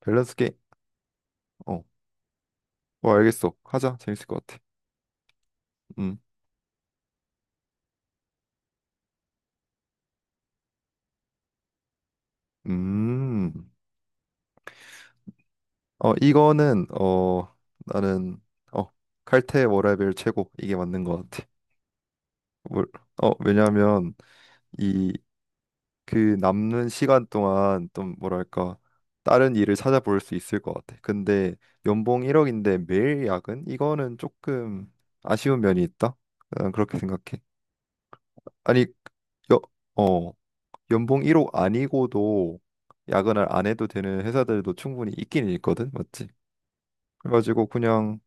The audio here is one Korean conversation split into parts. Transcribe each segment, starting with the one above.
밸런스 게임. 어, 알겠어. 하자. 재밌을 것 같아. 음, 음. 이거는 나는 어 칼퇴 워라밸 최고 이게 맞는 것 같아. 뭘- 왜냐하면 이 그 남는 시간 동안 좀 뭐랄까 다른 일을 찾아볼 수 있을 것 같아. 근데 연봉 1억인데 매일 야근? 이거는 조금 아쉬운 면이 있다. 난 그렇게 생각해. 아니, 여, 어. 연봉 1억 아니고도 야근을 안 해도 되는 회사들도 충분히 있긴 있거든, 맞지? 그래가지고 그냥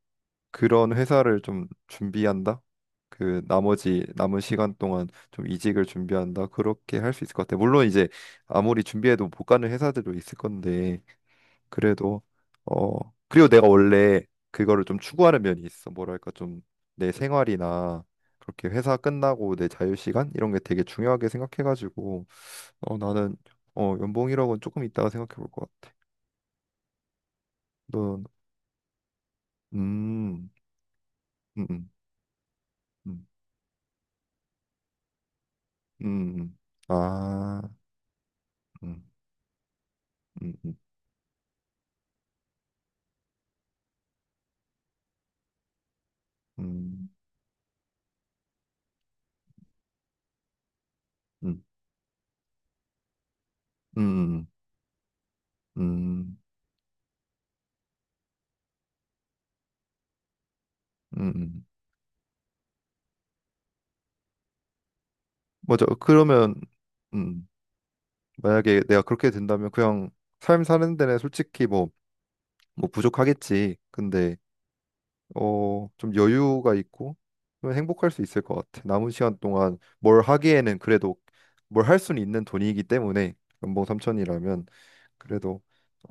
그런 회사를 좀 준비한다. 그 나머지 남은 시간 동안 좀 이직을 준비한다. 그렇게 할 수 있을 것 같아. 물론 이제 아무리 준비해도 못 가는 회사들도 있을 건데 그래도 어 그리고 내가 원래 그거를 좀 추구하는 면이 있어. 뭐랄까 좀 내 생활이나 그렇게 회사 끝나고 내 자유 시간 이런 게 되게 중요하게 생각해가지고 나는 연봉이라고는 조금 이따가 생각해 볼 것 같아. 넌? 음, 음, 음, 음, 음, 음. 아, 음, 음, 음, 음, 음, 음, 음, 음, 음. 맞아. 그러면 음, 만약에 내가 그렇게 된다면 그냥 삶 사는 데는 솔직히 뭐 부족하겠지. 근데 좀 여유가 있고 그러면 행복할 수 있을 것 같아. 남은 시간 동안 뭘 하기에는 그래도 뭘 할 수는 있는 돈이기 때문에 연봉 삼천이라면 그래도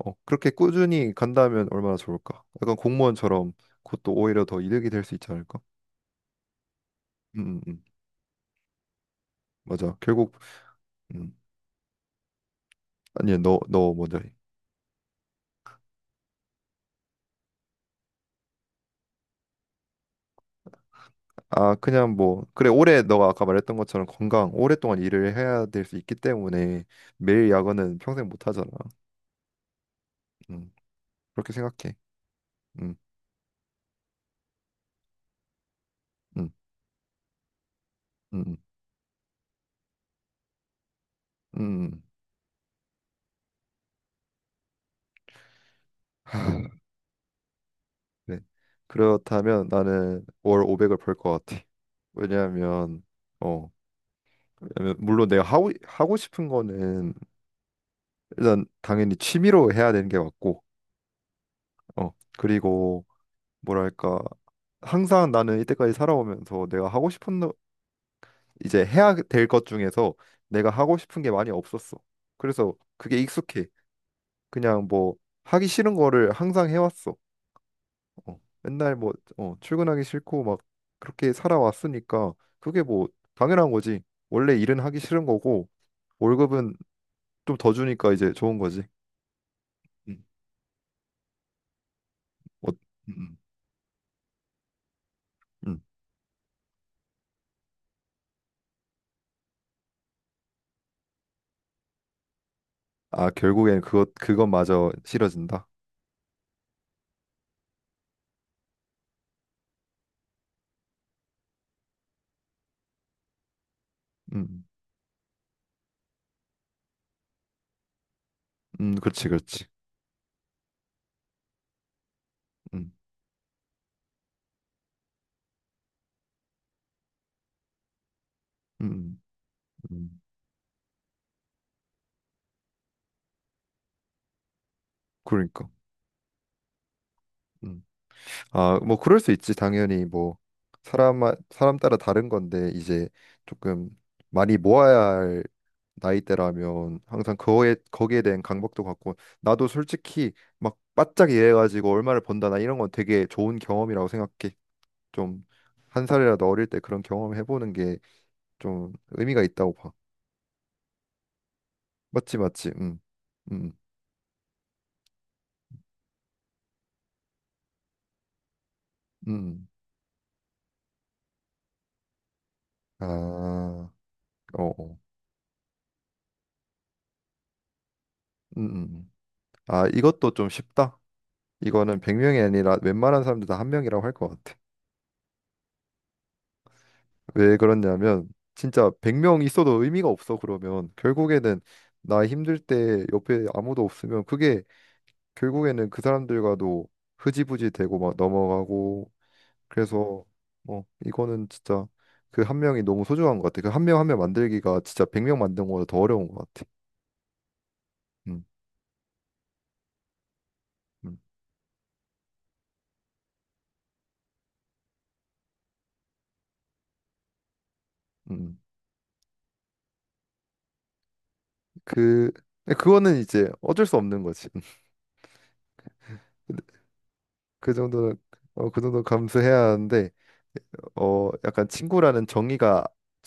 그렇게 꾸준히 간다면 얼마나 좋을까? 약간 공무원처럼 그것도 오히려 더 이득이 될 수 있지 않을까? 음, 음, 음. 맞아. 결국 음. 아니, 너 먼저 해. 아, 그냥 뭐 그래 올해 너가 아까 말했던 것처럼 건강 오랫동안 일을 해야 될 수 있기 때문에 매일 야근은 평생 못 하잖아. 음. 그렇게 생각해. 음. 음. 음, 음, 네. 그렇다면 나는 월 500을 벌 것 같아. 왜냐하면 어, 왜냐면 물론 내가 하고 싶은 거는 일단 당연히 취미로 해야 되는 게 맞고, 어, 그리고 뭐랄까 항상 나는 이때까지 살아오면서 내가 하고 싶은 이제 해야 될 것 중에서 내가 하고 싶은 게 많이 없었어. 그래서 그게 익숙해. 그냥 뭐 하기 싫은 거를 항상 해왔어. 맨날 뭐 출근하기 싫고 막 그렇게 살아왔으니까 그게 뭐 당연한 거지. 원래 일은 하기 싫은 거고 월급은 좀 더 주니까 이제 좋은 거지. 음. 어, 음, 음. 아, 결국엔 그것마저 싫어진다. 음. 그렇지, 그렇지. 음. 음. 음. 그러니까. 음. 아, 뭐 그럴 수 있지. 당연히 뭐 사람 사람 따라 다른 건데 이제 조금 많이 모아야 할 나이대라면 항상 그거에 거기에 대한 강박도 갖고 나도 솔직히 막 바짝 일해가지고 얼마를 번다 나 이런 건 되게 좋은 경험이라고 생각해. 좀 한 살이라도 어릴 때 그런 경험을 해보는 게 좀 의미가 있다고 봐. 맞지 맞지. 음. 음. 음. 아. 어. 어. 음. 음. 아, 이것도 좀 쉽다. 이거는 100명이 아니라 웬만한 사람들 다 한 명이라고 할 것 같아. 왜 그러냐면 진짜 100명 있어도 의미가 없어. 그러면 결국에는 나 힘들 때 옆에 아무도 없으면 그게 결국에는 그 사람들과도 흐지부지 되고 막 넘어가고, 그래서 이거는 진짜 그 한 명이 너무 소중한 것 같아. 그 한 명 한 명 만들기가 진짜 100명 만든 거보다 더 어려운 것 같아. 음, 음, 음. 그 근데 그거는 이제 어쩔 수 없는 거지. 그 정도는 그 정도 감수해야 하는데 약간 친구라는 정의가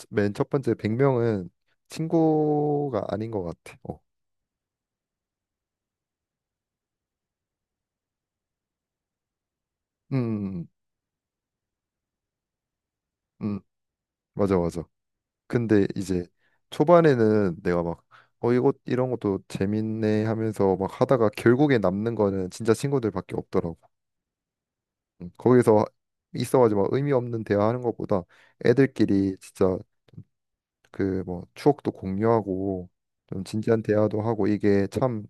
맨 첫 번째 100명은 친구가 아닌 것 같아. 어. 음, 음, 음, 음. 맞아, 맞아. 근데 이제 초반에는 내가 막, 이런 것도 재밌네 하면서 막 하다가 결국에 남는 거는 진짜 친구들밖에 없더라고. 거기서 있어가지고 막 의미 없는 대화하는 것보다 애들끼리 진짜 그 뭐 추억도 공유하고 좀 진지한 대화도 하고 이게 참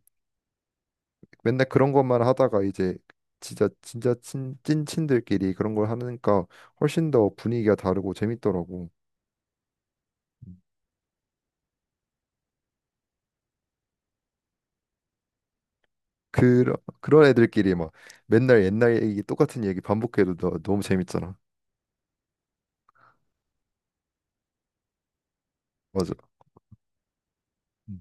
맨날 그런 것만 하다가 이제 진짜 진짜 찐친들끼리 그런 걸 하니까 훨씬 더 분위기가 다르고 재밌더라고. 그런 그런 애들끼리 막 맨날 옛날 얘기 똑같은 얘기 반복해도 너무 재밌잖아. 맞아. 음.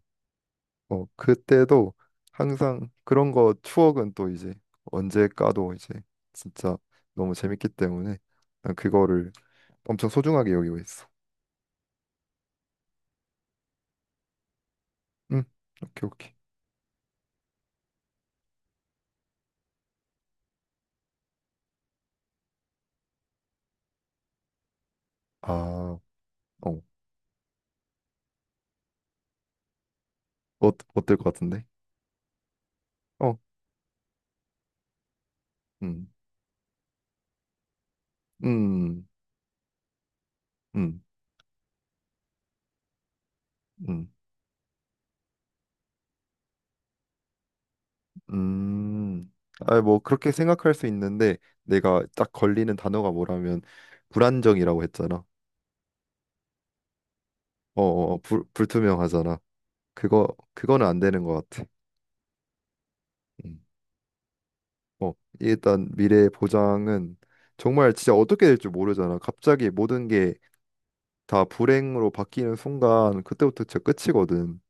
그때도 항상 그런 거 추억은 또 이제 언제 까도 이제 진짜 너무 재밌기 때문에 난 그거를 엄청 소중하게 여기고 있어. 응. 오케이 오케이. 아, 어. 어떨 것 같은데? 어. 음. 음. 음, 음, 음. 아, 뭐 그렇게 생각할 수 있는데 내가 딱 걸리는 단어가 뭐라면 불안정이라고 했잖아. 불투명하잖아. 그거 그거는 안 되는 것 같아. 음. 어, 일단 미래 보장은 정말 진짜 어떻게 될지 모르잖아. 갑자기 모든 게 다 불행으로 바뀌는 순간 그때부터 진짜 끝이거든.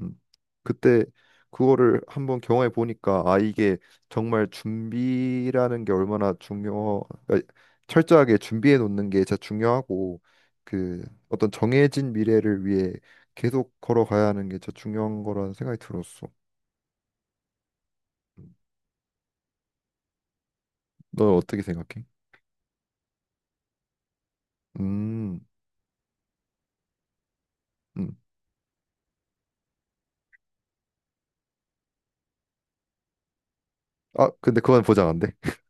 음, 그때 그거를 한번 경험해 보니까 아 이게 정말 준비라는 게 얼마나 중요 그러니까 철저하게 준비해 놓는 게 진짜 중요하고 그 어떤 정해진 미래를 위해 계속 걸어가야 하는 게 진짜 중요한 거라는 생각이 들었어. 너 어떻게 생각해? 음, 음. 아 근데 그건 보장 안 돼.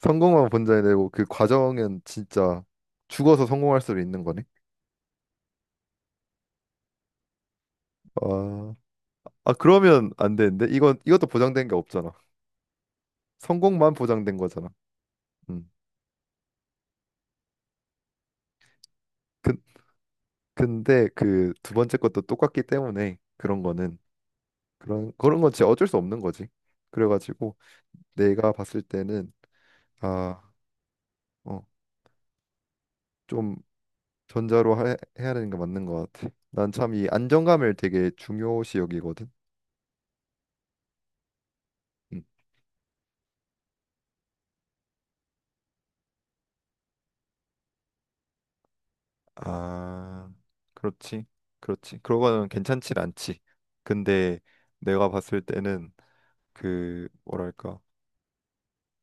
성공만 보장이 되고 그 과정은 진짜 죽어서 성공할 수도 있는 거네. 아, 아 그러면 안 되는데 이건 이것도 보장된 게 없잖아. 성공만 보장된 거잖아. 음. 그, 근데 그 두 번째 것도 똑같기 때문에 그런 거는 그런 건 진짜 어쩔 수 없는 거지. 그래가지고 내가 봤을 때는 아, 어, 좀 전자로 해야 되는 게 맞는 것 같아. 난 참 이 안정감을 되게 중요시 여기거든. 음. 아, 그렇지, 그렇지. 그런 거는 괜찮진 않지. 근데 내가 봤을 때는 그 뭐랄까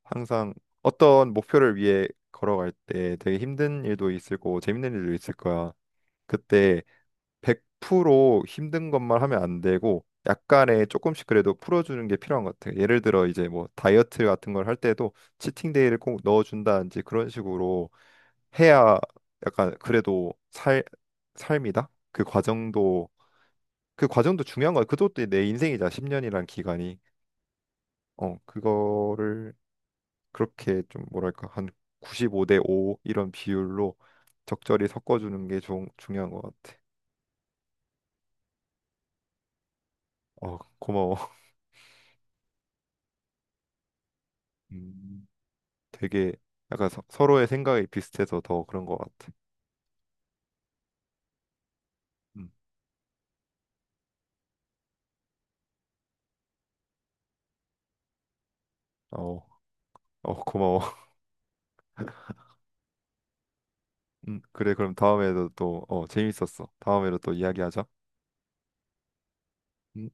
항상 어떤 목표를 위해 걸어갈 때 되게 힘든 일도 있을 거고 재밌는 일도 있을 거야. 그때 100% 힘든 것만 하면 안 되고 약간의 조금씩 그래도 풀어주는 게 필요한 것 같아. 예를 들어 이제 뭐 다이어트 같은 걸 할 때도 치팅 데이를 꼭 넣어준다든지 그런 식으로 해야 약간 그래도 살 삶이다. 그 과정도 중요한 거야. 그것도 내 인생이자 10년이란 기간이. 그거를 그렇게 좀 뭐랄까 한 95대 5 이런 비율로 적절히 섞어주는 게 좀 중요한 것 같아. 고마워. 음, 되게 약간 서로의 생각이 비슷해서 더 그런 것 같아. 음, 어, 고마워. 그래, 그럼 다음에도 또, 재밌었어. 다음에도 또 이야기하자. 음.